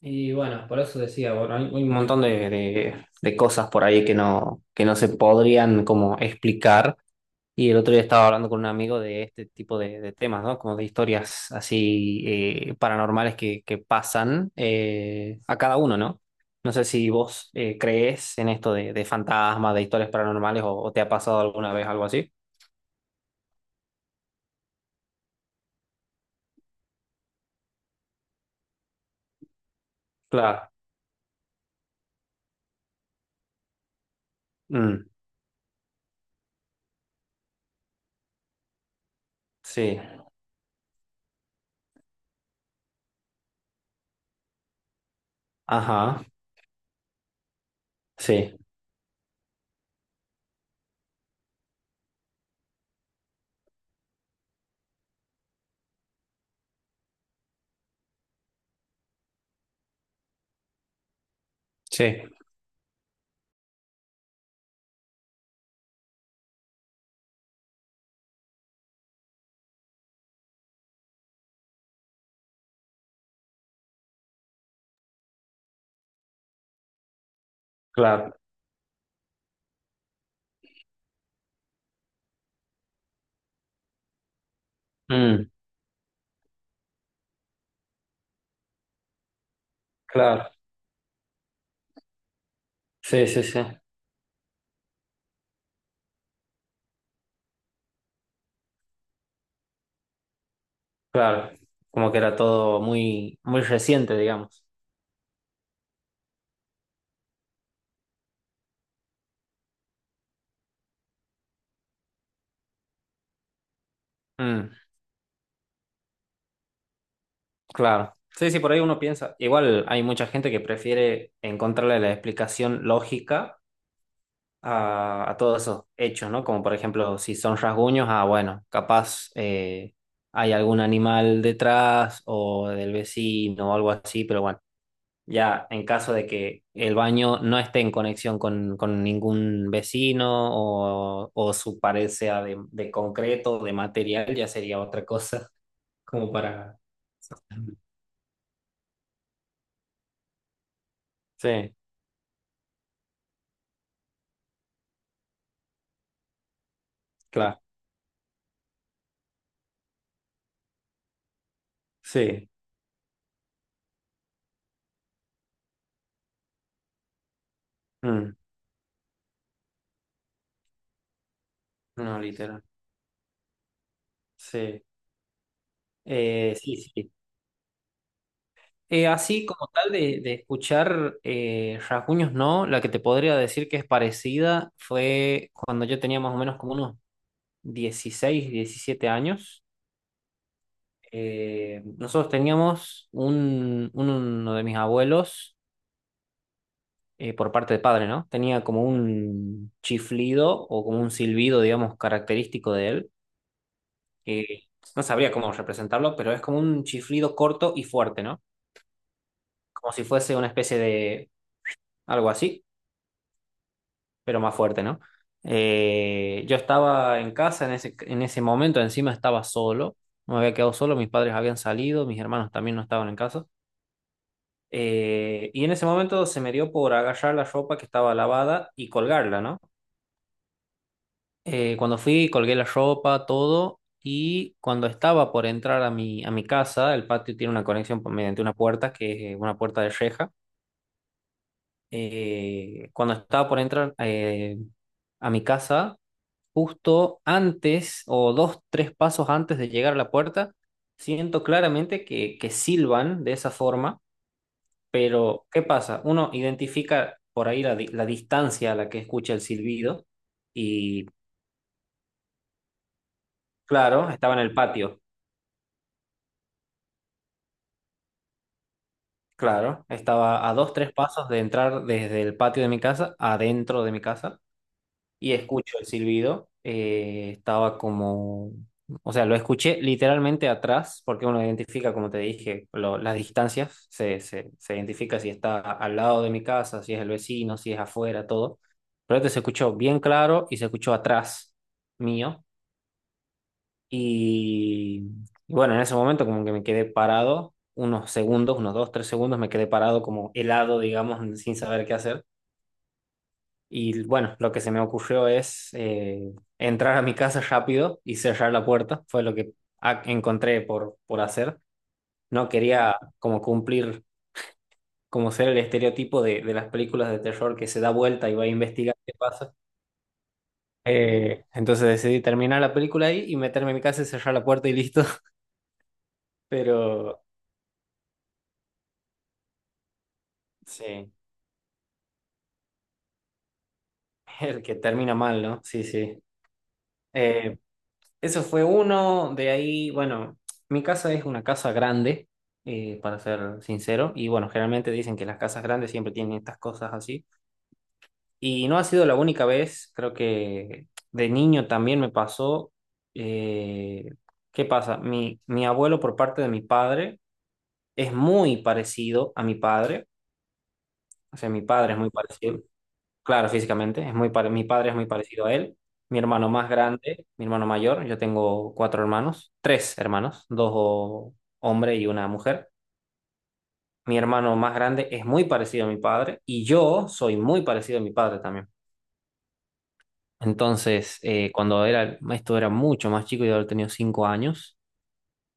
Y bueno, por eso decía, bueno, hay un montón de cosas por ahí que no se podrían como explicar. Y el otro día estaba hablando con un amigo de este tipo de temas, ¿no? Como de historias así paranormales que pasan a cada uno, ¿no? No sé si vos crees en esto de fantasmas, de historias paranormales o te ha pasado alguna vez algo así. Claro. Mm, sí. Ajá. Sí. Sí. Claro. Mm, claro. Sí, sí, sí. Claro, como que era todo muy, muy reciente, digamos. Mm, claro. Sí, sí, por ahí uno piensa. Igual hay mucha gente que prefiere encontrarle la explicación lógica a todos esos hechos, ¿no? Como por ejemplo, si son rasguños, ah, bueno, capaz hay algún animal detrás o del vecino o algo así, pero bueno. Ya, en caso de que el baño no esté en conexión con ningún vecino o su pared sea de concreto o de material, ya sería otra cosa, como para... Sí, claro, sí. Mm, no, literal. Sí, sí, sí. Así como tal de escuchar rasguños, no, la que te podría decir que es parecida fue cuando yo tenía más o menos como unos 16 17 años. Nosotros teníamos un, uno de mis abuelos, por parte de padre, ¿no? Tenía como un chiflido o como un silbido, digamos, característico de él. Que no sabría cómo representarlo, pero es como un chiflido corto y fuerte, ¿no? Como si fuese una especie de algo así, pero más fuerte, ¿no? Yo estaba en casa en ese momento, encima estaba solo, me había quedado solo, mis padres habían salido, mis hermanos también no estaban en casa. Y en ese momento se me dio por agarrar la ropa que estaba lavada y colgarla, ¿no? Cuando fui, colgué la ropa, todo, y cuando estaba por entrar a mi casa, el patio tiene una conexión por- mediante una puerta, que es una puerta de reja. Cuando estaba por entrar a mi casa, justo antes o dos, tres pasos antes de llegar a la puerta, siento claramente que silban de esa forma. Pero, ¿qué pasa? Uno identifica por ahí la, la distancia a la que escucha el silbido y, claro, estaba en el patio, claro, estaba a dos, tres pasos de entrar desde el patio de mi casa, adentro de mi casa. Y escucho el silbido. Estaba como, o sea, lo escuché literalmente atrás, porque uno identifica, como te dije, lo- las distancias, se identifica si está al lado de mi casa, si es el vecino, si es afuera, todo. Pero este se escuchó bien claro y se escuchó atrás mío. Y, y bueno, en ese momento como que me quedé parado unos segundos, unos dos, tres segundos, me quedé parado como helado, digamos, sin saber qué hacer. Y bueno, lo que se me ocurrió es entrar a mi casa rápido y cerrar la puerta. Fue lo que encontré por hacer. No quería como cumplir, como ser el estereotipo de las películas de terror que se da vuelta y va a investigar qué pasa. Entonces decidí terminar la película ahí y meterme en mi casa y cerrar la puerta y listo. Pero sí, el que termina mal, ¿no? Sí, sí. Eh, Eso fue uno, de ahí, bueno, mi casa es una casa grande, para ser sincero, y bueno, generalmente dicen que las casas grandes siempre tienen estas cosas así, y no ha sido la única vez, creo que de niño también me pasó, eh, ¿qué pasa? Mi abuelo por parte de mi padre es muy parecido a mi padre, o sea, mi padre es muy parecido. Claro, físicamente, es muy mi padre es muy parecido a él. Mi hermano más grande, mi hermano mayor, yo tengo cuatro hermanos, tres hermanos, dos hombres y una mujer. Mi hermano más grande es muy parecido a mi padre y yo soy muy parecido a mi padre también. Entonces, cuando era, esto era mucho más chico, yo había tenido 5 años.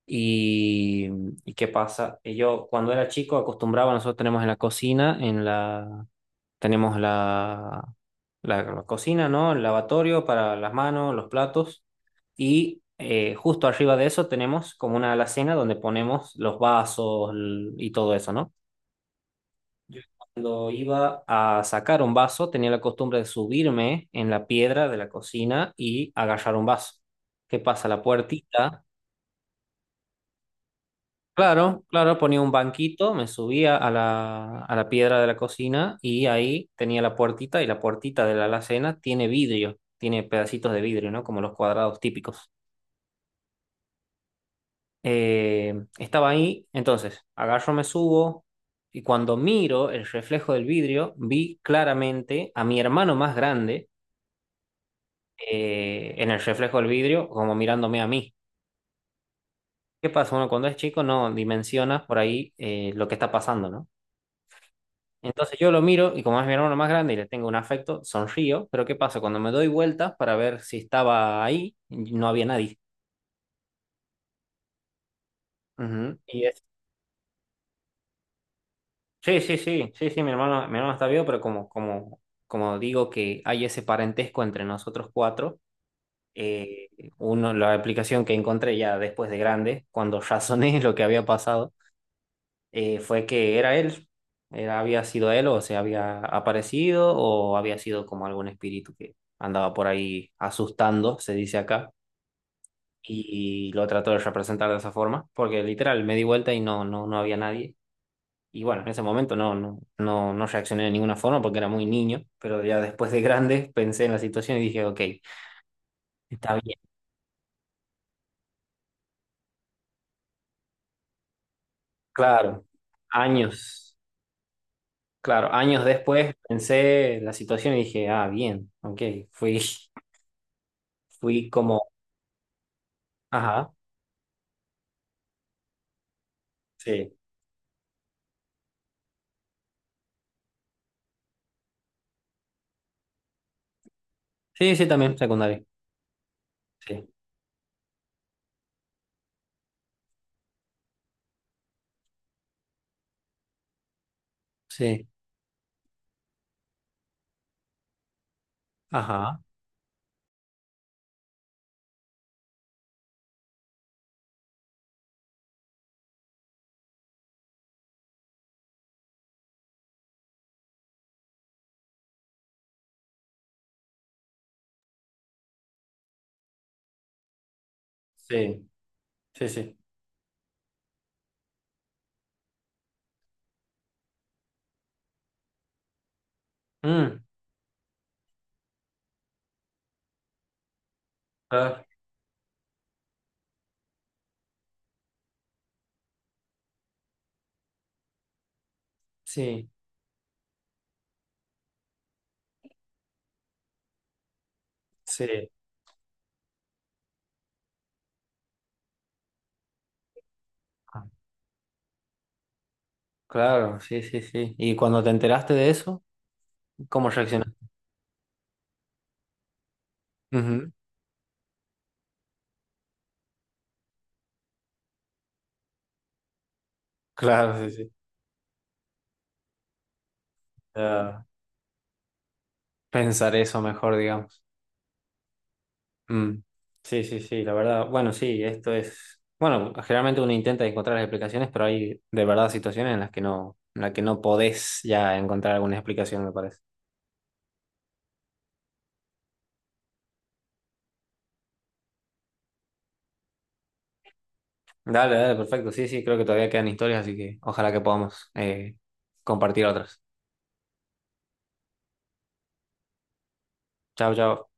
Y, ¿Y qué pasa? Yo cuando era chico acostumbraba, nosotros tenemos en la cocina, en la, tenemos la, la cocina, ¿no? El lavatorio para las manos, los platos. Y justo arriba de eso tenemos como una alacena donde ponemos los vasos y todo eso, ¿no? Cuando iba a sacar un vaso, tenía la costumbre de subirme en la piedra de la cocina y agarrar un vaso. ¿Qué pasa? La puertita, claro, claro, ponía un banquito, me subía a la piedra de la cocina y ahí tenía la puertita y la puertita de la alacena tiene vidrio, tiene pedacitos de vidrio, ¿no? Como los cuadrados típicos. Eh, Estaba ahí, entonces agarro, me subo y cuando miro el reflejo del vidrio, vi claramente a mi hermano más grande en el reflejo del vidrio, como mirándome a mí. ¿Qué pasa? Uno cuando es chico no dimensiona por ahí lo que está pasando, ¿no? Entonces yo lo miro y como es mi hermano más grande y le tengo un afecto, sonrío, pero ¿qué pasa? Cuando me doy vueltas para ver si estaba ahí, no había nadie. Ujú. Y es, sí, sí, sí, sí, sí, mi hermano está vivo, pero como, como, como digo que hay ese parentesco entre nosotros cuatro, eh, uno, la aplicación que encontré ya después de grande, cuando razoné lo que había pasado, fue que era él, era, había sido él o se había aparecido o había sido como algún espíritu que andaba por ahí asustando, se dice acá, lo trató de representar de esa forma, porque literal me di vuelta y no, no, no había nadie. Y bueno, en ese momento no, no, no, no reaccioné de ninguna forma porque era muy niño, pero ya después de grande pensé en la situación y dije, ok, está bien. Claro, años, claro, años después pensé en la situación y dije, ah, bien, ok, fui, fui como ajá, sí. Sí, sí, también, secundaria. Sí, sí. Ajá, sí, sí, sí. Mm, ah, sí, sí. Ah, claro, sí, sí, sí. ¿Y cuando te enteraste de eso, cómo reaccionaste? Ujú, claro, sí, sí. Ah, pensar eso mejor, digamos. Mm, sí, sí, sí, la verdad. Bueno, sí, esto es... Bueno, generalmente uno intenta encontrar las explicaciones, pero hay de verdad situaciones en las que no, en las que no podés ya encontrar alguna explicación, me parece. Dale, dale, perfecto. Sí, sí, creo que todavía quedan historias, así que ojalá que podamos compartir otras. Chao, chao.